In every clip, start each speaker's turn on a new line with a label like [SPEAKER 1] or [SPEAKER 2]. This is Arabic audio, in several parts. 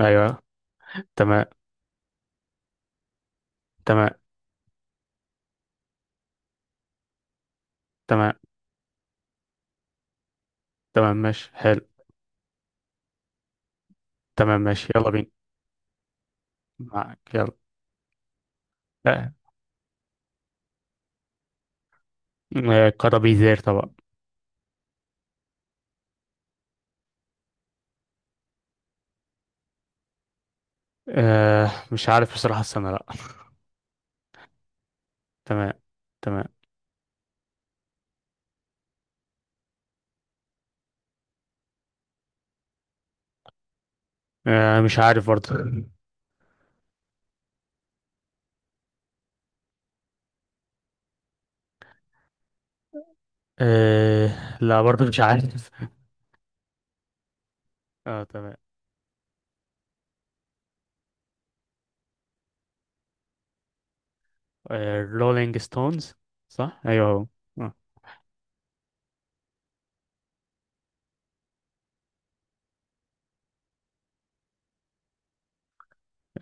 [SPEAKER 1] ايوه. تمام. تمام. تمام. تمام، ماشي، حلو. تمام، ماشي، يلا بينا. معاك، يلا. آه، آه، كرابيزير طبعا. آه، مش عارف بصراحة السنة، لا. تمام. تمام. آه، مش عارف برضه. آه، لا برضه مش عارف. اه، تمام. آه، رولينج ستونز. صح، ايوه هو. آه.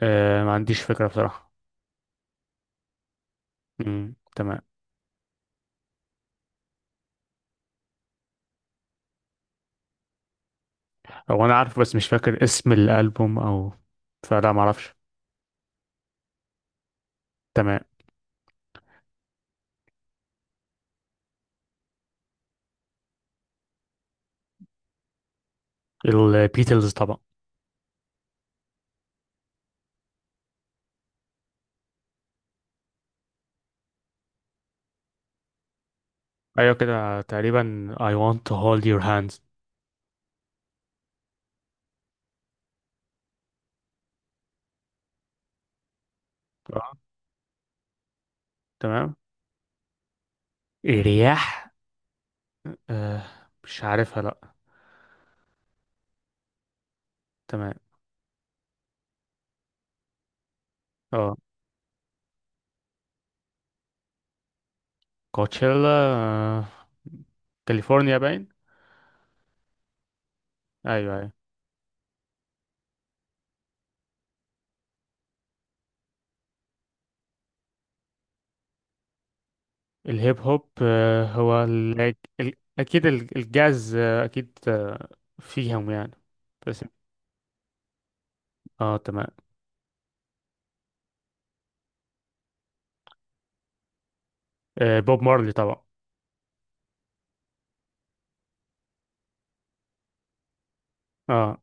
[SPEAKER 1] آه، ما عنديش فكرة بصراحة. مم. تمام. هو انا عارف بس مش فاكر اسم الالبوم او... فلا ما اعرفش. تمام. البيتلز طبعا. ايوه، كده تقريبا I want to hold your hands. آه. تمام. رياح. آه، مش عارفها، لا. تمام. اه. كوتشيلا. آه. كاليفورنيا باين. ايوه، ايوه. الهيب هوب، هو اكيد الجاز، اكيد، آه. فيهم يعني. بس. اه، تمام. آه، بوب مارلي طبعا. اه،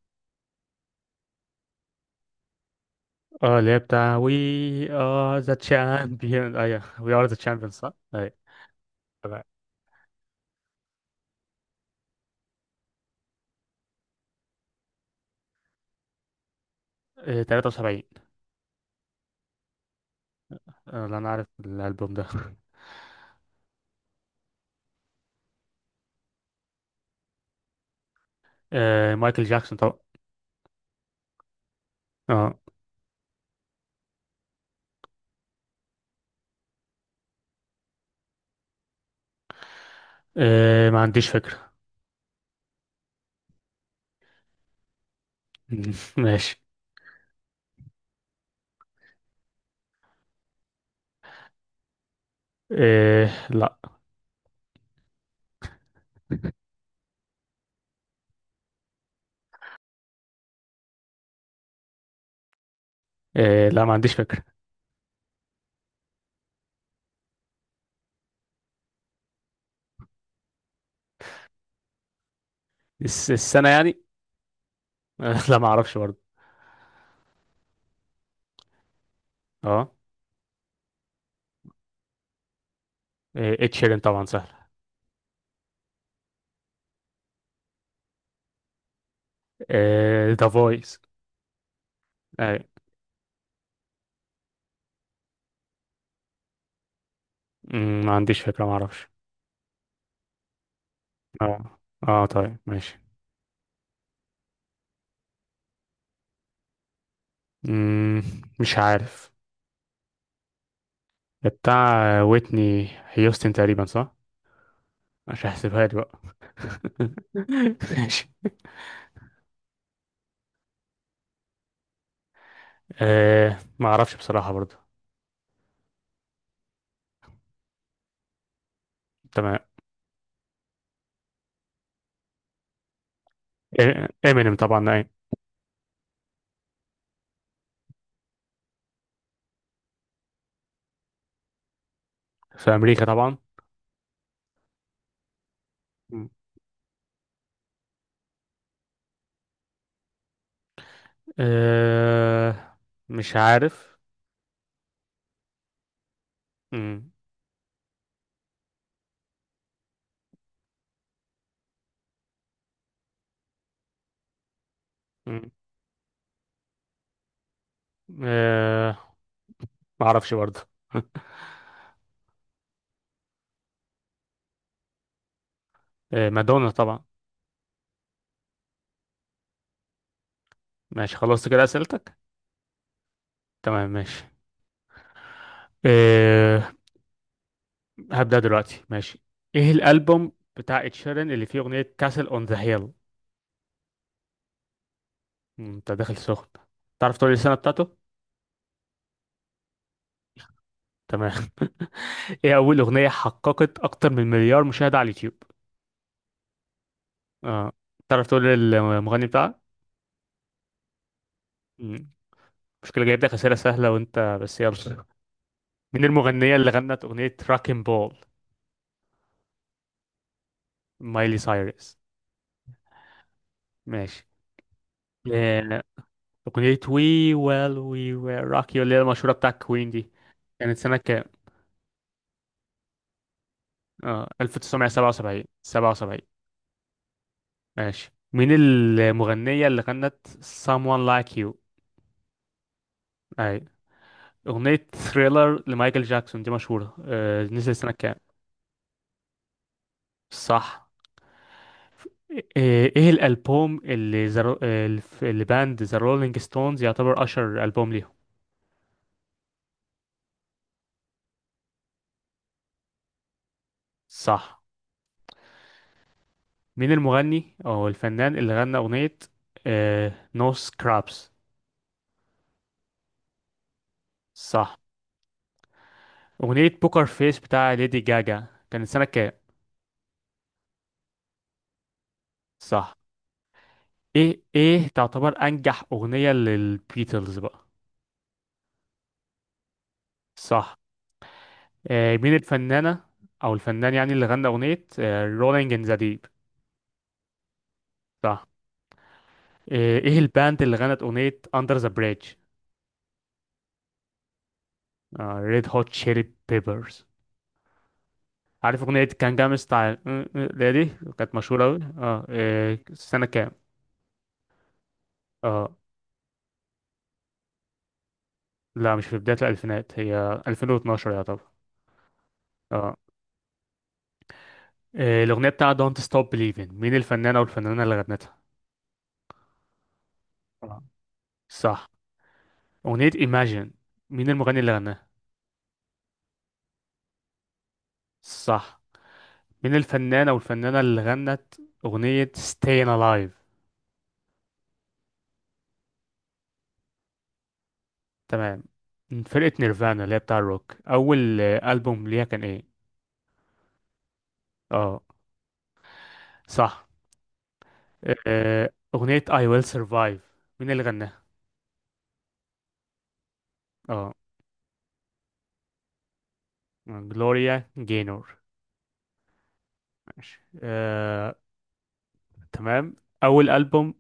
[SPEAKER 1] اه، اللي هي بتاع we are the champion، ايوه we are the champions، صح؟ ايوه. تمام. آه، 73. آه، لا، انا عارف الالبوم ده. آه، مايكل جاكسون طبعا. اه. آه، ما عنديش فكرة. ماشي. آه، لا. آه، لا ما عنديش فكرة. السنة يعني؟ آه، لا ما اعرفش برضه. اه. اتش شيرين طبعا، سهل. ذا فويس. اي. مم، ما عنديش فكرة، ما اعرفش. اه، اه، طيب، ماشي. مم، مش عارف. بتاع ويتني هيوستن تقريبا، صح؟ مش هحسبها لي بقى. ماشي. آه، ما اعرفش بصراحة برضه. تمام. امينيم طبعا، اي. في امريكا طبعا. مم. أه، مش عارف. مم. مم. أه، ما اعرفش برضه. أه، مادونا طبعا. ماشي، خلصت كده اسئلتك؟ تمام، ماشي. أه، هبدأ دلوقتي، ماشي. ايه الالبوم بتاع ed sheeran اللي فيه اغنية كاسل اون ذا هيل؟ انت داخل سخن. تعرف تقول لي السنة بتاعته؟ تمام. ايه اول اغنية حققت اكتر من مليار مشاهدة على اليوتيوب؟ اه. تعرف تقول لي المغني بتاعها؟ مشكلة، جايب لك أسئلة سهلة وأنت بس، يلا. مين المغنية اللي غنت أغنية راكن بول؟ مايلي سايرس. ماشي. آه، أغنية وي ويل وي ويل روك يو اللي هي المشهورة بتاع كوين دي، كانت سنة كام؟ اه، 1977، 77. ماشي. مين المغنية اللي غنت Someone Like You؟ أي. أغنية ثريلر لمايكل جاكسون دي مشهورة، نزلت سنة كام؟ صح. إيه الالبوم اللي باند ذا رولينج ستونز يعتبر اشهر البوم ليهم؟ صح. مين المغني او الفنان اللي غنى اغنية نو سكرابس؟ صح. اغنية بوكر فيس بتاع ليدي جاجا كانت سنة كام؟ صح. ايه تعتبر انجح اغنية للبيتلز بقى؟ صح. مين الفنانة او الفنان، يعني، اللي غنى اغنية رولينج ان ذا ديب؟ صح. إيه الباند اللي غنت أغنية Under the Bridge؟ آه، ريد هوت تشيلي بيبرز. عارف اغنيه كان جامس بتاع اللي هي دي؟ كانت مشهوره قوي، اه إيه، سنه كام؟ اه. لا، مش في بدايه الالفينات، هي 2012 يعتبر. اه. الاغنيه بتاع دونت ستوب بليفين، مين الفنان او الفنانه اللي غنتها؟ آه. صح. اغنيه ايماجين، مين المغني اللي غناها؟ صح. مين الفنان او الفنانه اللي غنت اغنيه ستاين الايف؟ تمام. فرقه نيرفانا اللي هي بتاع الروك، اول البوم ليها كان ايه؟ اه. صح. آه، أغنية I will survive، مين اللي غناها؟ اه. جلوريا جاynor. ماشي، آه، تمام. أول ألبوم،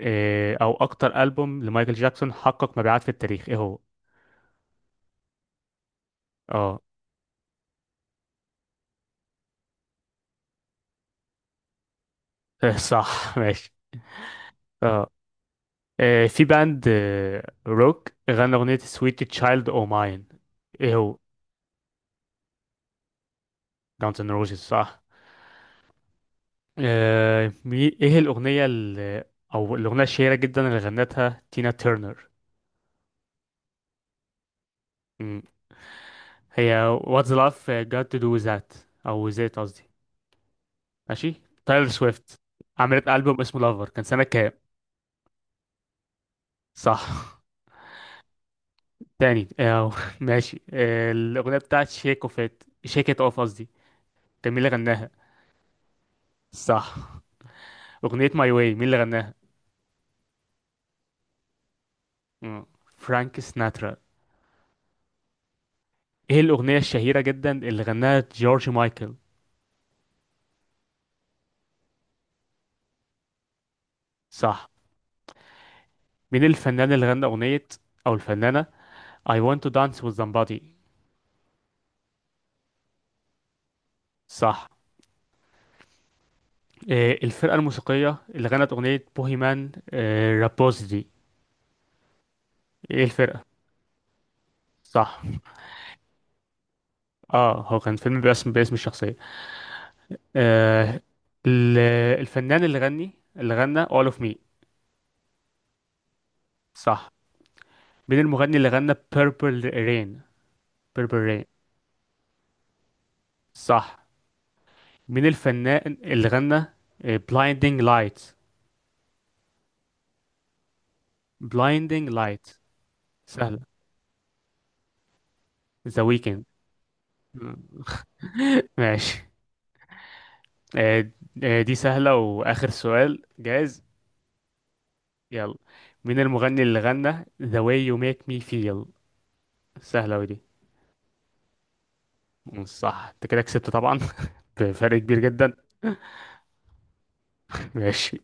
[SPEAKER 1] أو أكتر ألبوم لمايكل جاكسون حقق مبيعات في التاريخ، إيه هو؟ اه. آه، صح، ماشي. اه. آه، في باند روك غنى أغنية Sweet Child O' Mine، إيه هو؟ Guns N' Roses، صح. آه، إيه الأغنية اللي، أو الأغنية الشهيرة جدا اللي غنتها تينا تيرنر؟ هي What's Love Got to Do With That، أو That قصدي. ماشي. تايلور سويفت عملت ألبوم اسمه لافر، كان سنة كام؟ صح. تاني، أو ماشي، الأغنية بتاعت شيك ات اوف قصدي، كان مين اللي غناها؟ صح. أغنية ماي واي، مين اللي غناها؟ مم. فرانك سناترا. ايه الأغنية الشهيرة جدا اللي غناها جورج مايكل؟ صح. مين الفنان اللي غنى أغنية، أو الفنانة، I want to dance with somebody؟ صح. آه، الفرقة الموسيقية اللي غنت أغنية بوهيمان رابوزي دي؟ ايه الفرقة؟ صح. اه، هو كان فيلم باسم الشخصية. آه، ال- الفنان اللي غنى All of Me؟ صح. مين المغني اللي غنى Purple Rain، Purple Rain؟ صح. مين الفنان اللي غنى Blinding Light، Blinding Light؟ سهلة. The Weeknd. ماشي. آه، آه، دي سهلة وآخر سؤال، جاهز؟ يلا. مين المغني اللي غنى The way you make me feel؟ سهلة ودي. مم، صح، انت كده كسبت طبعا. بفرق كبير جدا. ماشي.